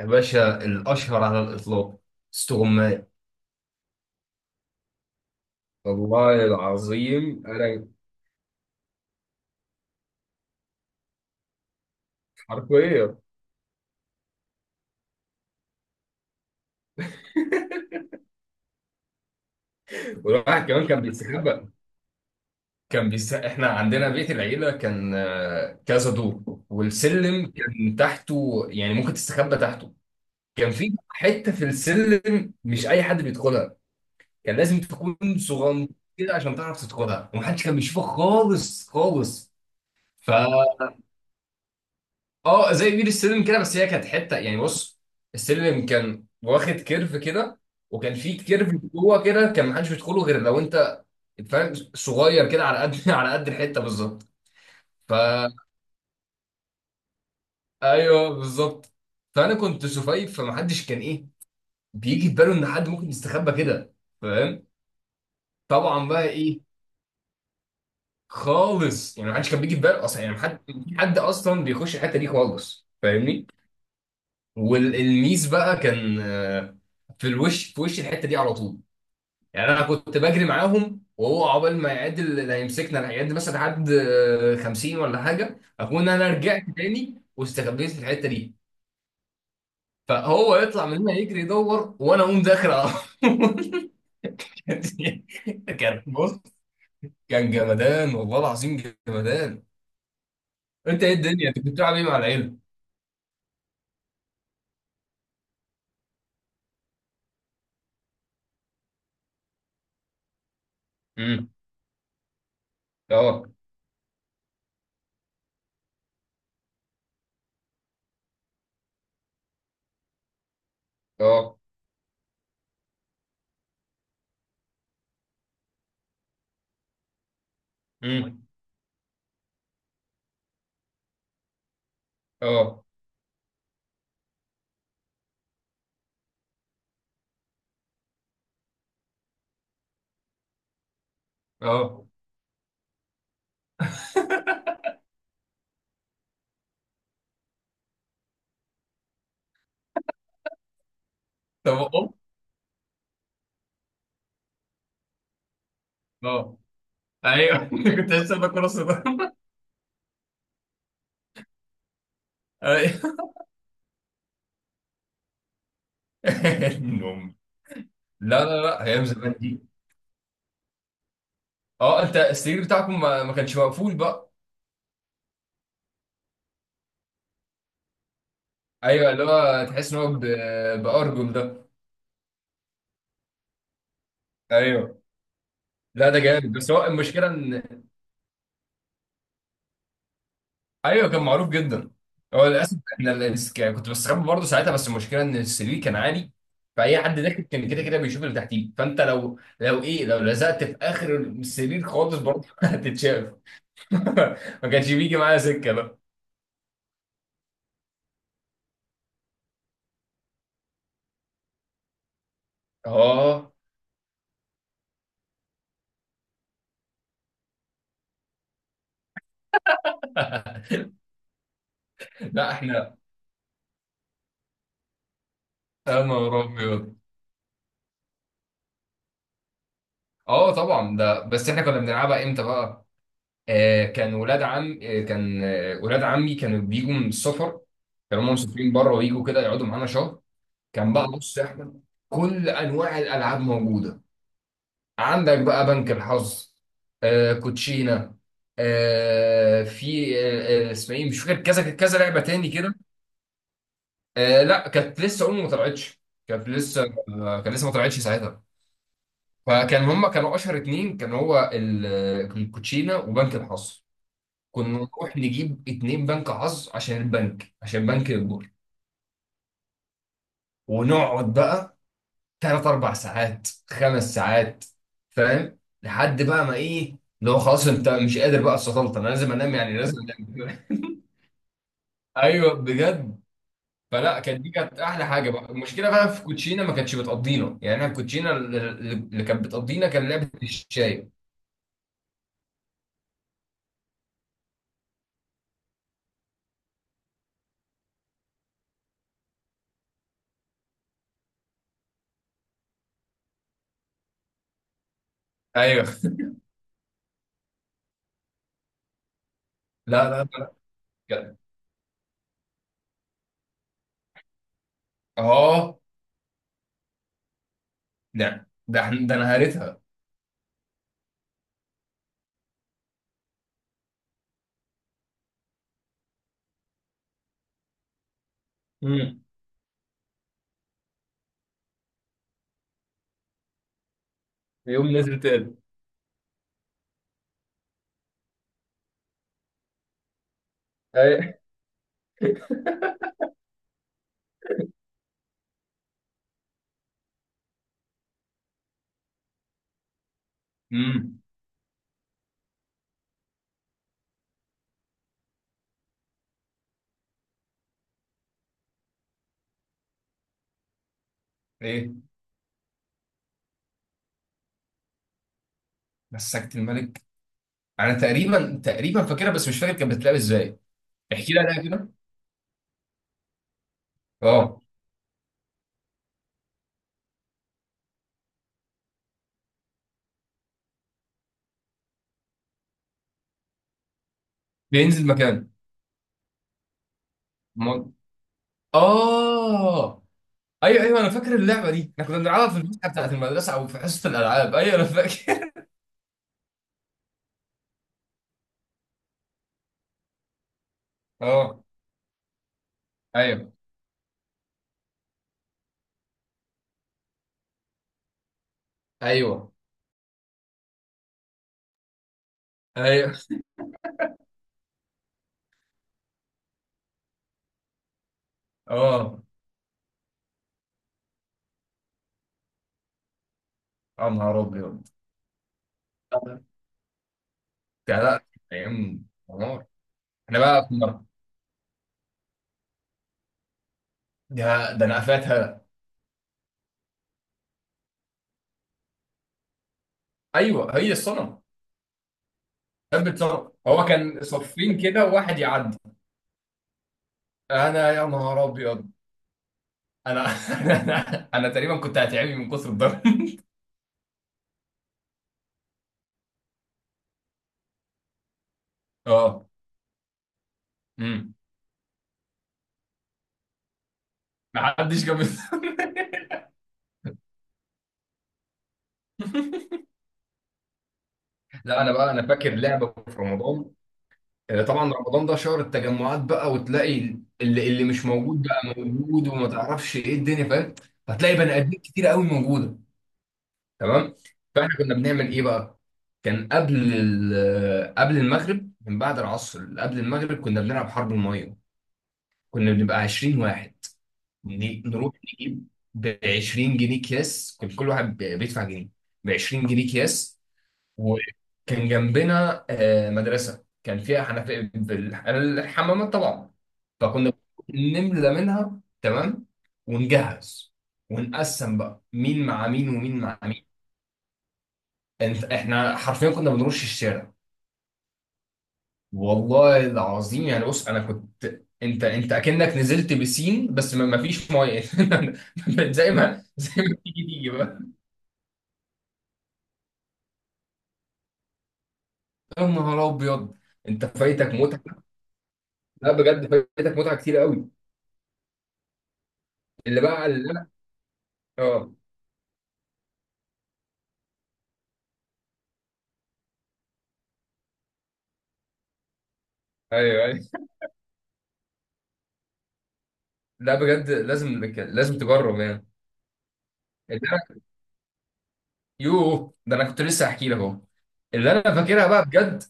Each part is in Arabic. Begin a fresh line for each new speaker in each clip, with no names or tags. يا باشا، الأشهر على الإطلاق استغماية. والله العظيم انا حرفيا. والواحد كمان كان بيستخبى. إحنا عندنا بيت العيلة كان كذا دور، والسلم كان تحته يعني ممكن تستخبى تحته. كان في حتة في السلم مش أي حد بيدخلها. كان لازم تكون صغنطير كده عشان تعرف تدخلها، ومحدش كان بيشوفك خالص خالص. ف اه، زي بير السلم كده، بس هي كانت حته يعني بص. السلم كان واخد كيرف كده، وكان فيه كيرف جوه كده، كان محدش بيدخله غير لو انت فاهم، صغير كده على قد على قد الحته بالظبط. فا ايوه بالظبط. فانا كنت سفيف، فمحدش كان ايه بيجي في باله ان حد ممكن يستخبى كده، فاهم؟ طبعا بقى ايه، خالص يعني. محدش كان بيجي في باله اصلا، يعني محد حد اصلا بيخش الحته دي خالص، فاهمني؟ والميس بقى كان في الوش، في وش الحته دي على طول. يعني انا كنت بجري معاهم، وهو عقبال ما يعد اللي هيمسكنا لا، يعد مثلا لحد 50 ولا حاجه، اكون انا رجعت تاني واستخبيت في الحته دي. فهو يطلع من هنا يجري يدور، وانا اقوم داخل على طول. كانت- كان بص، كان جمدان والله العظيم، جمدان. انت ايه الدنيا، انت كنت بتلعب ايه مع العيله؟ امم. اه اه. امم. اه اه. طب أوه. اه. ايوه كنت لسه باكل راسه ده. أيوة. النوم. لا لا لا، ايام زمان دي. اه، انت السرير بتاعكم ما كانش مقفول بقى. ايوه، اللي هو تحس ان هو بارجل ده. ايوه. لا ده جامد، بس هو المشكله ان ايوه كان معروف جدا. هو للاسف احنا كنت بستخبى برضه ساعتها، بس المشكله ان السرير كان عالي، فاي حد داخل كان كده كده بيشوف اللي تحتيه. فانت لو ايه، لو لزقت في اخر السرير خالص برضه هتتشاف. ما كانش بيجي معايا سكه بقى. اه. لا احنا. يا نهار ابيض. اه طبعا، ده بس احنا كنا بنلعبها امتى بقى؟ آه كان ولاد عم، آه كان ولاد عمي كانوا بيجوا من السفر. كانوا هم مسافرين بره، ويجوا كده يقعدوا معانا شهر. كان بقى بص يا احمد، كل انواع الالعاب موجوده. عندك بقى بنك الحظ، آه كوتشينه، آه في اسمها ايه مش فاكر، كذا كذا لعبه تاني كده. آه لا، كانت لسه امي ما طلعتش، كانت لسه، كانت لسه ما طلعتش ساعتها. فكان هما كانوا اشهر اتنين، كان هو الكوتشينه وبنك الحظ. كنا نروح نجيب اتنين بنك حظ عشان البنك، عشان بنك يكبر. ونقعد بقى تلات اربع ساعات، خمس ساعات، فاهم؟ لحد بقى ما ايه، لو خلاص انت مش قادر بقى، استطلت انا لازم انام، يعني لازم انام. ايوه بجد. فلا كانت دي كانت احلى حاجه بقى. المشكله بقى في كوتشينا ما كانتش بتقضينا، يعني احنا الكوتشينا اللي كانت بتقضينا كان لعبه الشاي. ايوه. لا لا لا. اه. ده إحنا- ده انا قريتها. امم. يقوم نزل تاني. اي. امم. ايه مسكت الملك. انا تقريبا تقريبا فاكرها، بس مش فاكر كانت بتتلعب ازاي. احكي لي عليها كده. اه بينزل مكان. م... اه، ايوه ايوه، انا فاكر اللعبه دي. احنا كنا بنلعبها في الفسحه بتاعت المدرسه، او في حصه الالعاب. ايوه انا فاكر. اه. ايوه ايوه ايوه. اه. يا نهار ابيض. ده لا، ايام نهار. احنا بقى كنا، ده انا قفلتها. ايوه هي الصنم. كان بيتصرف هو، كان صفين كده وواحد يعدي. انا يا نهار ابيض. انا. انا تقريبا كنت هتعبي من كتر الضرب. اه. امم. محدش جاب. لا انا بقى انا فاكر لعبه في رمضان. طبعا رمضان ده شهر التجمعات بقى، وتلاقي اللي مش موجود بقى موجود، وما تعرفش ايه الدنيا، فاهم؟ فتلاقي بني ادمين كتير قوي موجوده. تمام. فاحنا كنا بنعمل ايه بقى. كان قبل قبل المغرب، من بعد العصر قبل المغرب كنا بنلعب حرب الميه. كنا بنبقى 20 واحد. نروح نجيب ب 20 جنيه اكياس، كان كل واحد بيدفع جنيه، ب 20 جنيه اكياس. وكان جنبنا مدرسه كان فيها حنفيه الحمامات طبعا. فكنا نملى منها، تمام. ونجهز، ونقسم بقى مين مع مين ومين مع مين. انت احنا حرفيا كنا بنرش الشارع، والله العظيم، يعني بص انا كنت، انت انت اكنك نزلت بسين بس ما فيش ميه. زي ما تيجي تيجي بقى. يا نهار ابيض، انت فايتك متعه. لا بجد فايتك متعه كتير قوي. اللي بقى اللي انا اه. ايوه ايوه. لا بجد، لازم تجرب يعني. اللي انا، يوه ده انا كنت لسه هحكي لك اهو، اللي انا فاكرها بقى بجد.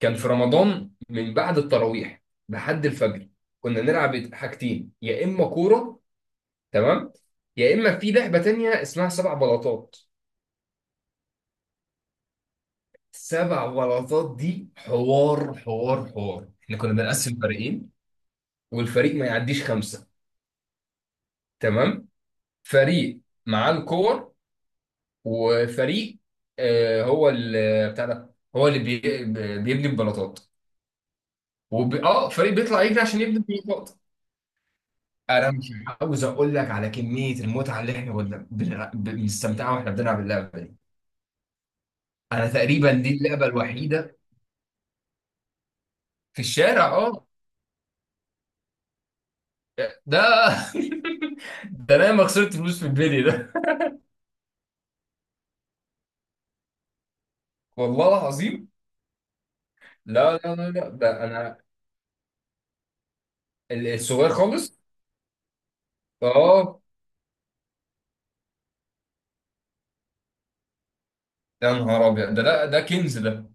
كان في رمضان من بعد التراويح لحد الفجر كنا نلعب حاجتين، يا اما كوره، تمام، يا اما في لعبه تانية اسمها سبع بلاطات. سبع بلاطات دي حوار حوار حوار. احنا كنا بنقسم فريقين، والفريق ما يعديش خمسه، تمام. فريق معاه الكور وفريق هو اللي بتاع ده، هو اللي بي بيبني البلاطات. اه فريق بيطلع يجري عشان يبني البلاطات. انا مش عاوز اقول لك على كميه المتعه اللي احنا كنا بنستمتعها واحنا بنلعب اللعبه دي. انا تقريبا دي اللعبه الوحيده في الشارع. اه. ده ده انا ما خسرت فلوس في البيلي ده، والله العظيم. لا لا لا لا، ده انا الصغير خالص. اه. يا نهار ابيض، ده لا ده كنز ده.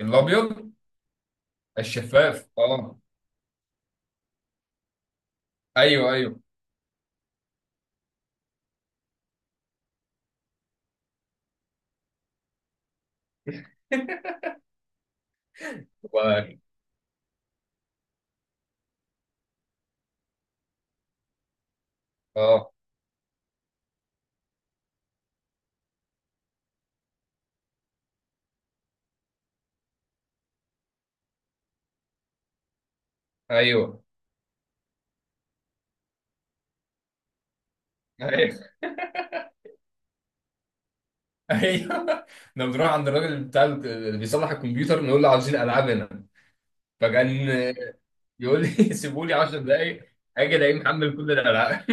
الابيض الشفاف. اه ايوه ايوه. والله. اه ايوه ايوه ايوه. لما بنروح عند الراجل بتاع اللي بيصلح الكمبيوتر، نقول له عاوزين العاب هنا. فكان يقول لي سيبوا لي 10 دقايق، اجي الاقيه محمل كل الالعاب.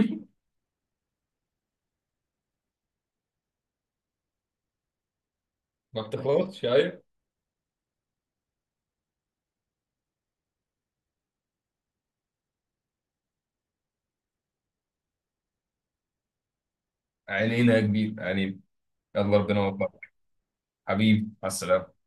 ما بتخلصش، ايوه. عينينا يا كبير، عينينا. يلا ربنا يوفقك، حبيبي، مع السلامة.